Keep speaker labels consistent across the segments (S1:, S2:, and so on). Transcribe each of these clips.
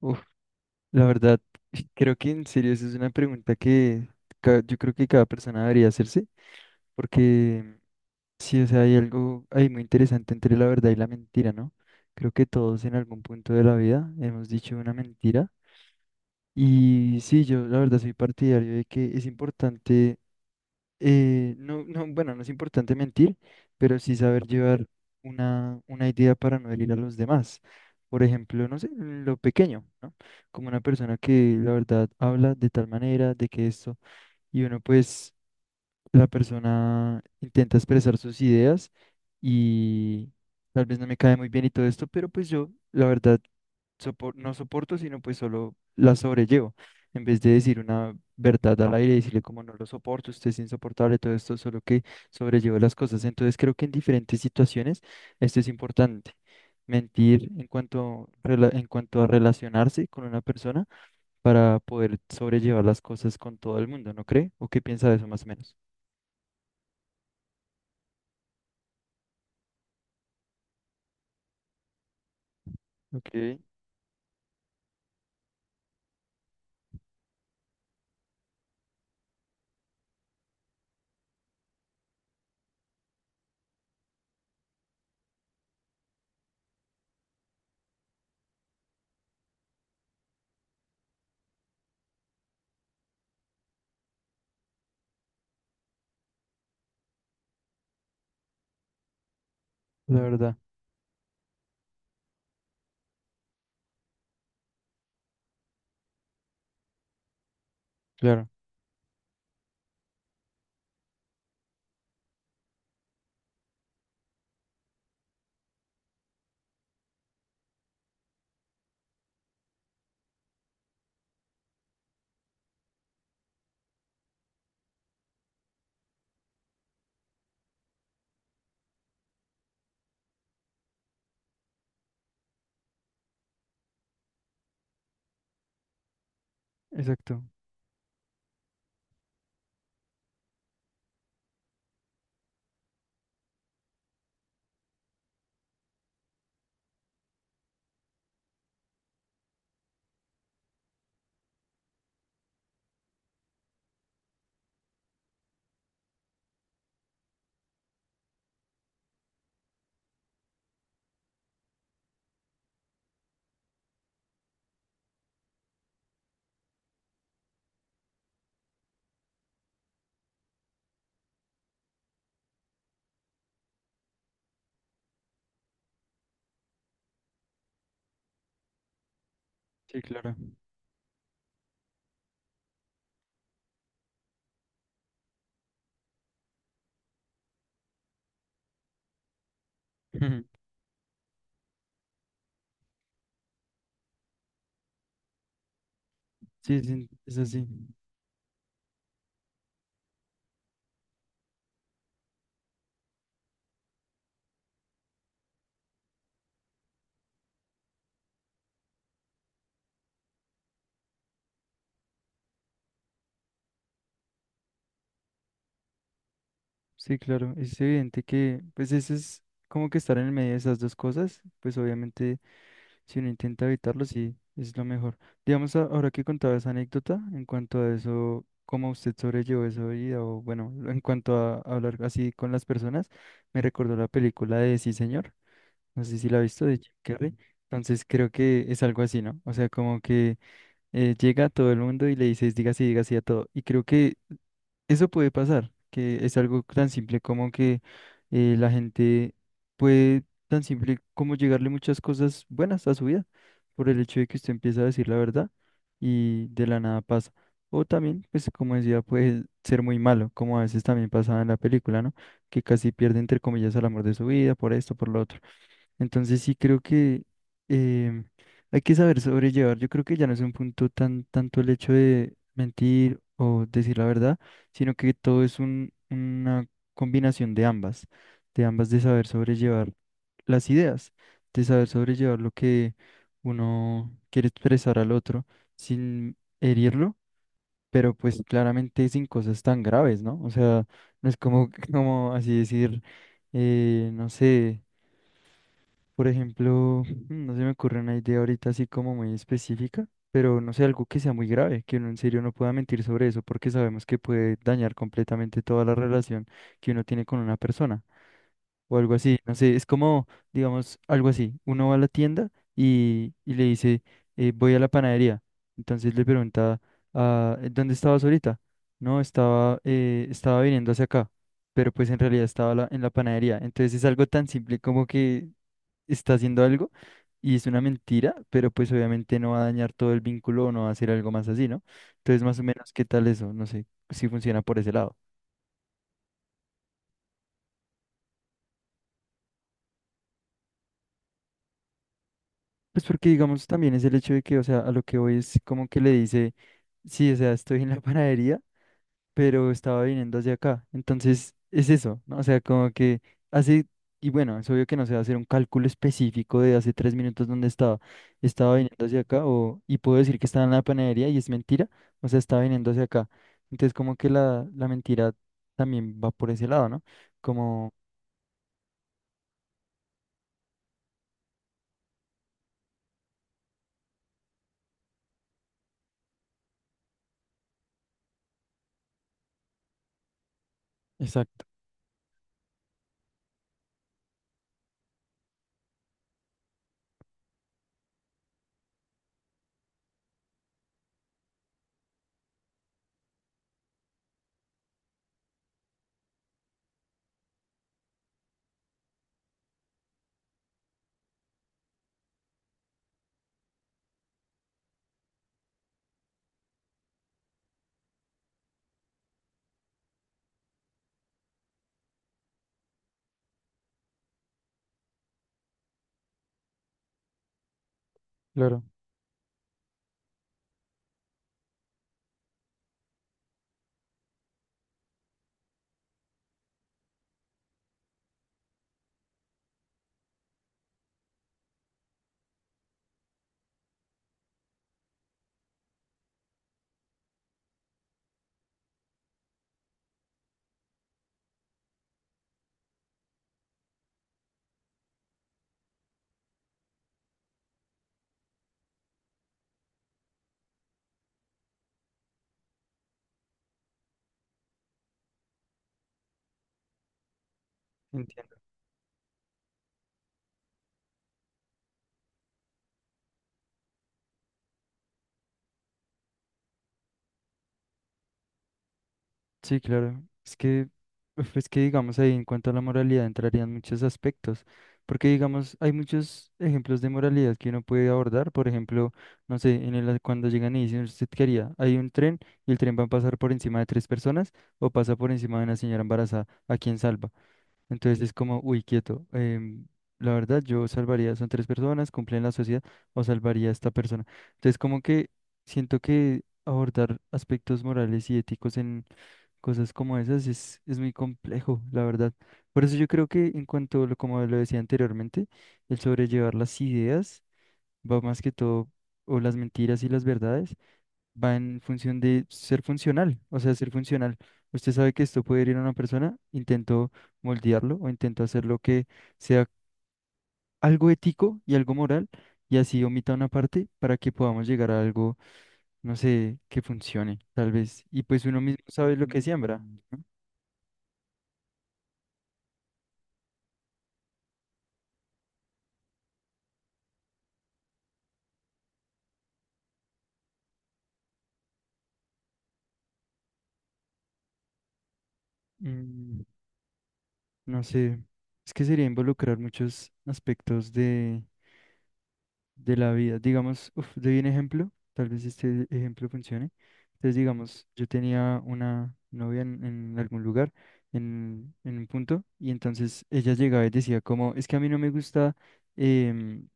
S1: Uf, la verdad, creo que en serio esa es una pregunta que yo creo que cada persona debería hacerse, porque sí, o sea, hay algo ahí muy interesante entre la verdad y la mentira, ¿no? Creo que todos en algún punto de la vida hemos dicho una mentira y sí, yo la verdad soy partidario de que es importante no, no, bueno, no es importante mentir, pero sí saber llevar una idea para no herir a los demás. Por ejemplo, no sé, en lo pequeño, ¿no? Como una persona que la verdad habla de tal manera, de que esto, y uno pues, la persona intenta expresar sus ideas y tal vez no me cae muy bien y todo esto, pero pues yo, la verdad, no soporto, sino pues solo la sobrellevo. En vez de decir una verdad al aire y decirle como no lo soporto, usted es insoportable, todo esto, solo que sobrellevo las cosas. Entonces creo que en diferentes situaciones esto es importante. Mentir en cuanto a relacionarse con una persona para poder sobrellevar las cosas con todo el mundo, ¿no cree? ¿O qué piensa de eso más o menos? Ok, la verdad, claro, exacto. Sí, claro. Sí, sí, es así. Sí, claro, es evidente que, pues eso es como que estar en el medio de esas dos cosas, pues obviamente si uno intenta evitarlo, sí, es lo mejor. Digamos, ahora que contaba esa anécdota, en cuanto a eso, cómo usted sobrellevó esa vida, o bueno, en cuanto a hablar así con las personas, me recordó la película de Sí, señor, no sé si la ha visto, de Jim Carrey, entonces creo que es algo así, ¿no? O sea, como que llega a todo el mundo y le dices, diga sí a todo, y creo que eso puede pasar, que es algo tan simple como que la gente puede tan simple como llegarle muchas cosas buenas a su vida por el hecho de que usted empieza a decir la verdad y de la nada pasa. O también, pues como decía, puede ser muy malo, como a veces también pasaba en la película, ¿no? Que casi pierde entre comillas el amor de su vida por esto, por lo otro. Entonces sí creo que em, hay que saber sobrellevar. Yo creo que ya no es un punto tan tanto el hecho de mentir o decir la verdad, sino que todo es un, una combinación de ambas de saber sobrellevar las ideas, de saber sobrellevar lo que uno quiere expresar al otro sin herirlo, pero pues claramente sin cosas tan graves, ¿no? O sea, no es como, como así decir, no sé. Por ejemplo, no se me ocurre una idea ahorita así como muy específica, pero no sé, algo que sea muy grave, que uno en serio no pueda mentir sobre eso, porque sabemos que puede dañar completamente toda la relación que uno tiene con una persona o algo así, no sé, es como, digamos, algo así. Uno va a la tienda y le dice, voy a la panadería. Entonces le pregunta, ah, ¿dónde estabas ahorita? No, estaba viniendo hacia acá, pero pues en realidad estaba en la panadería. Entonces es algo tan simple como que está haciendo algo y es una mentira, pero pues obviamente no va a dañar todo el vínculo o no va a hacer algo más así, ¿no? Entonces más o menos, ¿qué tal eso? No sé si funciona por ese lado. Pues porque digamos también es el hecho de que, o sea, a lo que voy es como que le dice, sí, o sea, estoy en la panadería, pero estaba viniendo hacia acá. Entonces, es eso, ¿no? O sea, como que hace, y bueno, es obvio que no se va a hacer un cálculo específico de hace 3 minutos dónde estaba. Estaba viniendo hacia acá, o, y puedo decir que estaba en la panadería y es mentira, o sea, estaba viniendo hacia acá. Entonces, como que la mentira también va por ese lado, ¿no? Como, exacto, claro. Sí, claro. Es que, uf, es que digamos ahí en cuanto a la moralidad entrarían muchos aspectos, porque digamos hay muchos ejemplos de moralidad que uno puede abordar. Por ejemplo, no sé, en el cuando llegan y dicen usted qué haría, hay un tren y el tren va a pasar por encima de tres personas o pasa por encima de una señora embarazada, ¿a quién salva? Entonces es como, uy, quieto. La verdad, yo salvaría, son tres personas, cumplen la sociedad o salvaría a esta persona. Entonces como que siento que abordar aspectos morales y éticos cosas como esas es muy complejo, la verdad. Por eso yo creo que en cuanto, como lo decía anteriormente, el sobrellevar las ideas va más que todo, o las mentiras y las verdades, va en función de ser funcional, o sea, ser funcional. Usted sabe que esto puede ir a una persona, intento moldearlo o intento hacerlo que sea algo ético y algo moral, y así omita una parte para que podamos llegar a algo, no sé, que funcione, tal vez. Y pues uno mismo sabe lo que siembra. Mm. No sé, es que sería involucrar muchos aspectos de la vida. Digamos, uf, doy un ejemplo, tal vez este ejemplo funcione. Entonces, digamos, yo tenía una novia en, algún lugar, en un punto, y entonces ella llegaba y decía como, es que a mí no me gusta, em,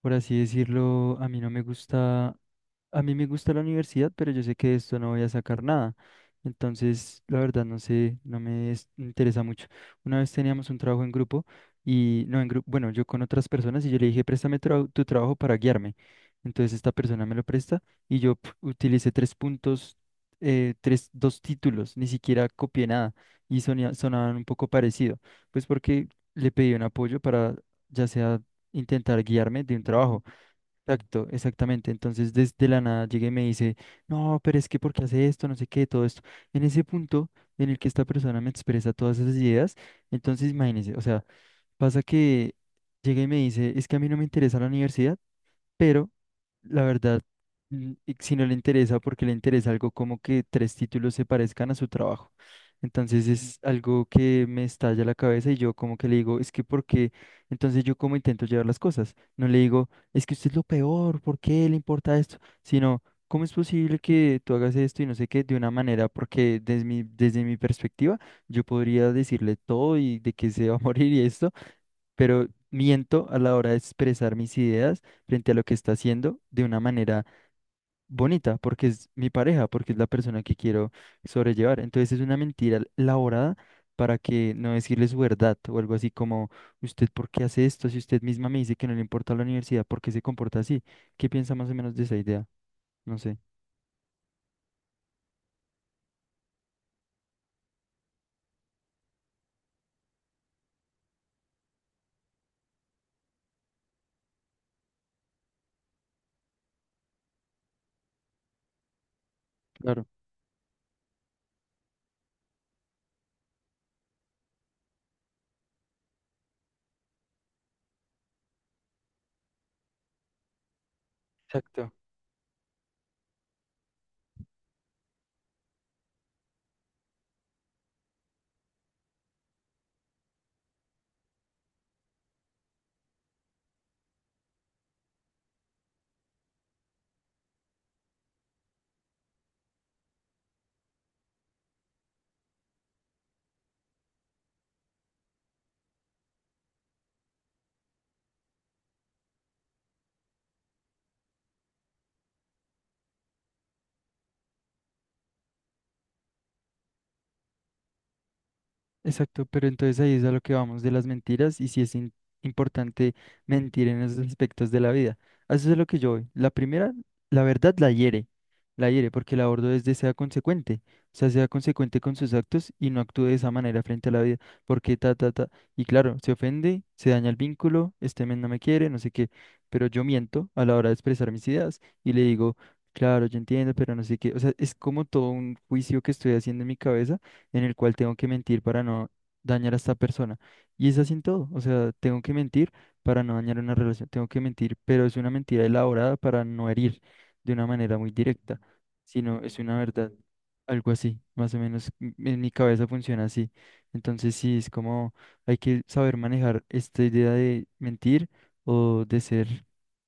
S1: por así decirlo, a mí no me gusta, a mí me gusta la universidad, pero yo sé que de esto no voy a sacar nada. Entonces, la verdad, no sé, no me interesa mucho. Una vez teníamos un trabajo en grupo y, no, en grupo, bueno, yo con otras personas y yo le dije, préstame tu trabajo para guiarme. Entonces, esta persona me lo presta y yo pf, utilicé tres puntos, tres, dos títulos, ni siquiera copié nada y sonaban un poco parecido, pues porque le pedí un apoyo para ya sea intentar guiarme de un trabajo. Exacto, exactamente. Entonces, desde la nada llega y me dice, no, pero es que porque hace esto, no sé qué, todo esto. En ese punto en el que esta persona me expresa todas esas ideas, entonces imagínese, o sea, pasa que llega y me dice, es que a mí no me interesa la universidad, pero la verdad, mm, y si no le interesa, porque le interesa algo como que tres títulos se parezcan a su trabajo. Entonces es algo que me estalla la cabeza y yo como que le digo, es que ¿por qué? Entonces yo como intento llevar las cosas. No le digo, es que usted es lo peor, ¿por qué le importa esto? Sino, ¿cómo es posible que tú hagas esto y no sé qué de una manera? Porque desde mi perspectiva, yo podría decirle todo y de que se va a morir y esto pero miento a la hora de expresar mis ideas frente a lo que está haciendo de una manera bonita, porque es mi pareja, porque es la persona que quiero sobrellevar. Entonces es una mentira elaborada para que no decirle su verdad o algo así como, ¿usted por qué hace esto? Si usted misma me dice que no le importa la universidad, ¿por qué se comporta así? ¿Qué piensa más o menos de esa idea? No sé. Claro, exacto. Exacto, pero entonces ahí es a lo que vamos de las mentiras y si es importante mentir en esos aspectos de la vida. A eso es a lo que yo voy. La primera, la verdad la hiere porque el abordo es de sea consecuente, o sea, sea consecuente con sus actos y no actúe de esa manera frente a la vida, porque ta, ta, ta. Y claro, se ofende, se daña el vínculo, este men no me quiere, no sé qué, pero yo miento a la hora de expresar mis ideas y le digo, claro, yo entiendo, pero no sé qué. O sea, es como todo un juicio que estoy haciendo en mi cabeza en el cual tengo que mentir para no dañar a esta persona. Y es así en todo, o sea, tengo que mentir para no dañar una relación, tengo que mentir, pero es una mentira elaborada para no herir de una manera muy directa, sino es una verdad, algo así, más o menos en mi cabeza funciona así. Entonces sí, es como hay que saber manejar esta idea de mentir o de ser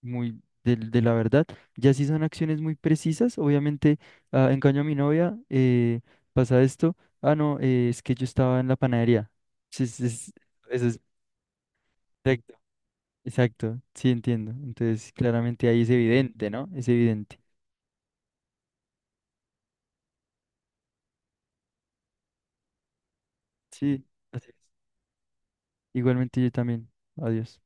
S1: muy de la verdad. Ya si son acciones muy precisas, obviamente, ah, engaño a mi novia, pasa esto. Ah, no, es que yo estaba en la panadería. Sí, sí, eso es correcto. Exacto, sí entiendo. Entonces, claramente ahí es evidente, ¿no? Es evidente. Sí, así es. Igualmente yo también. Adiós.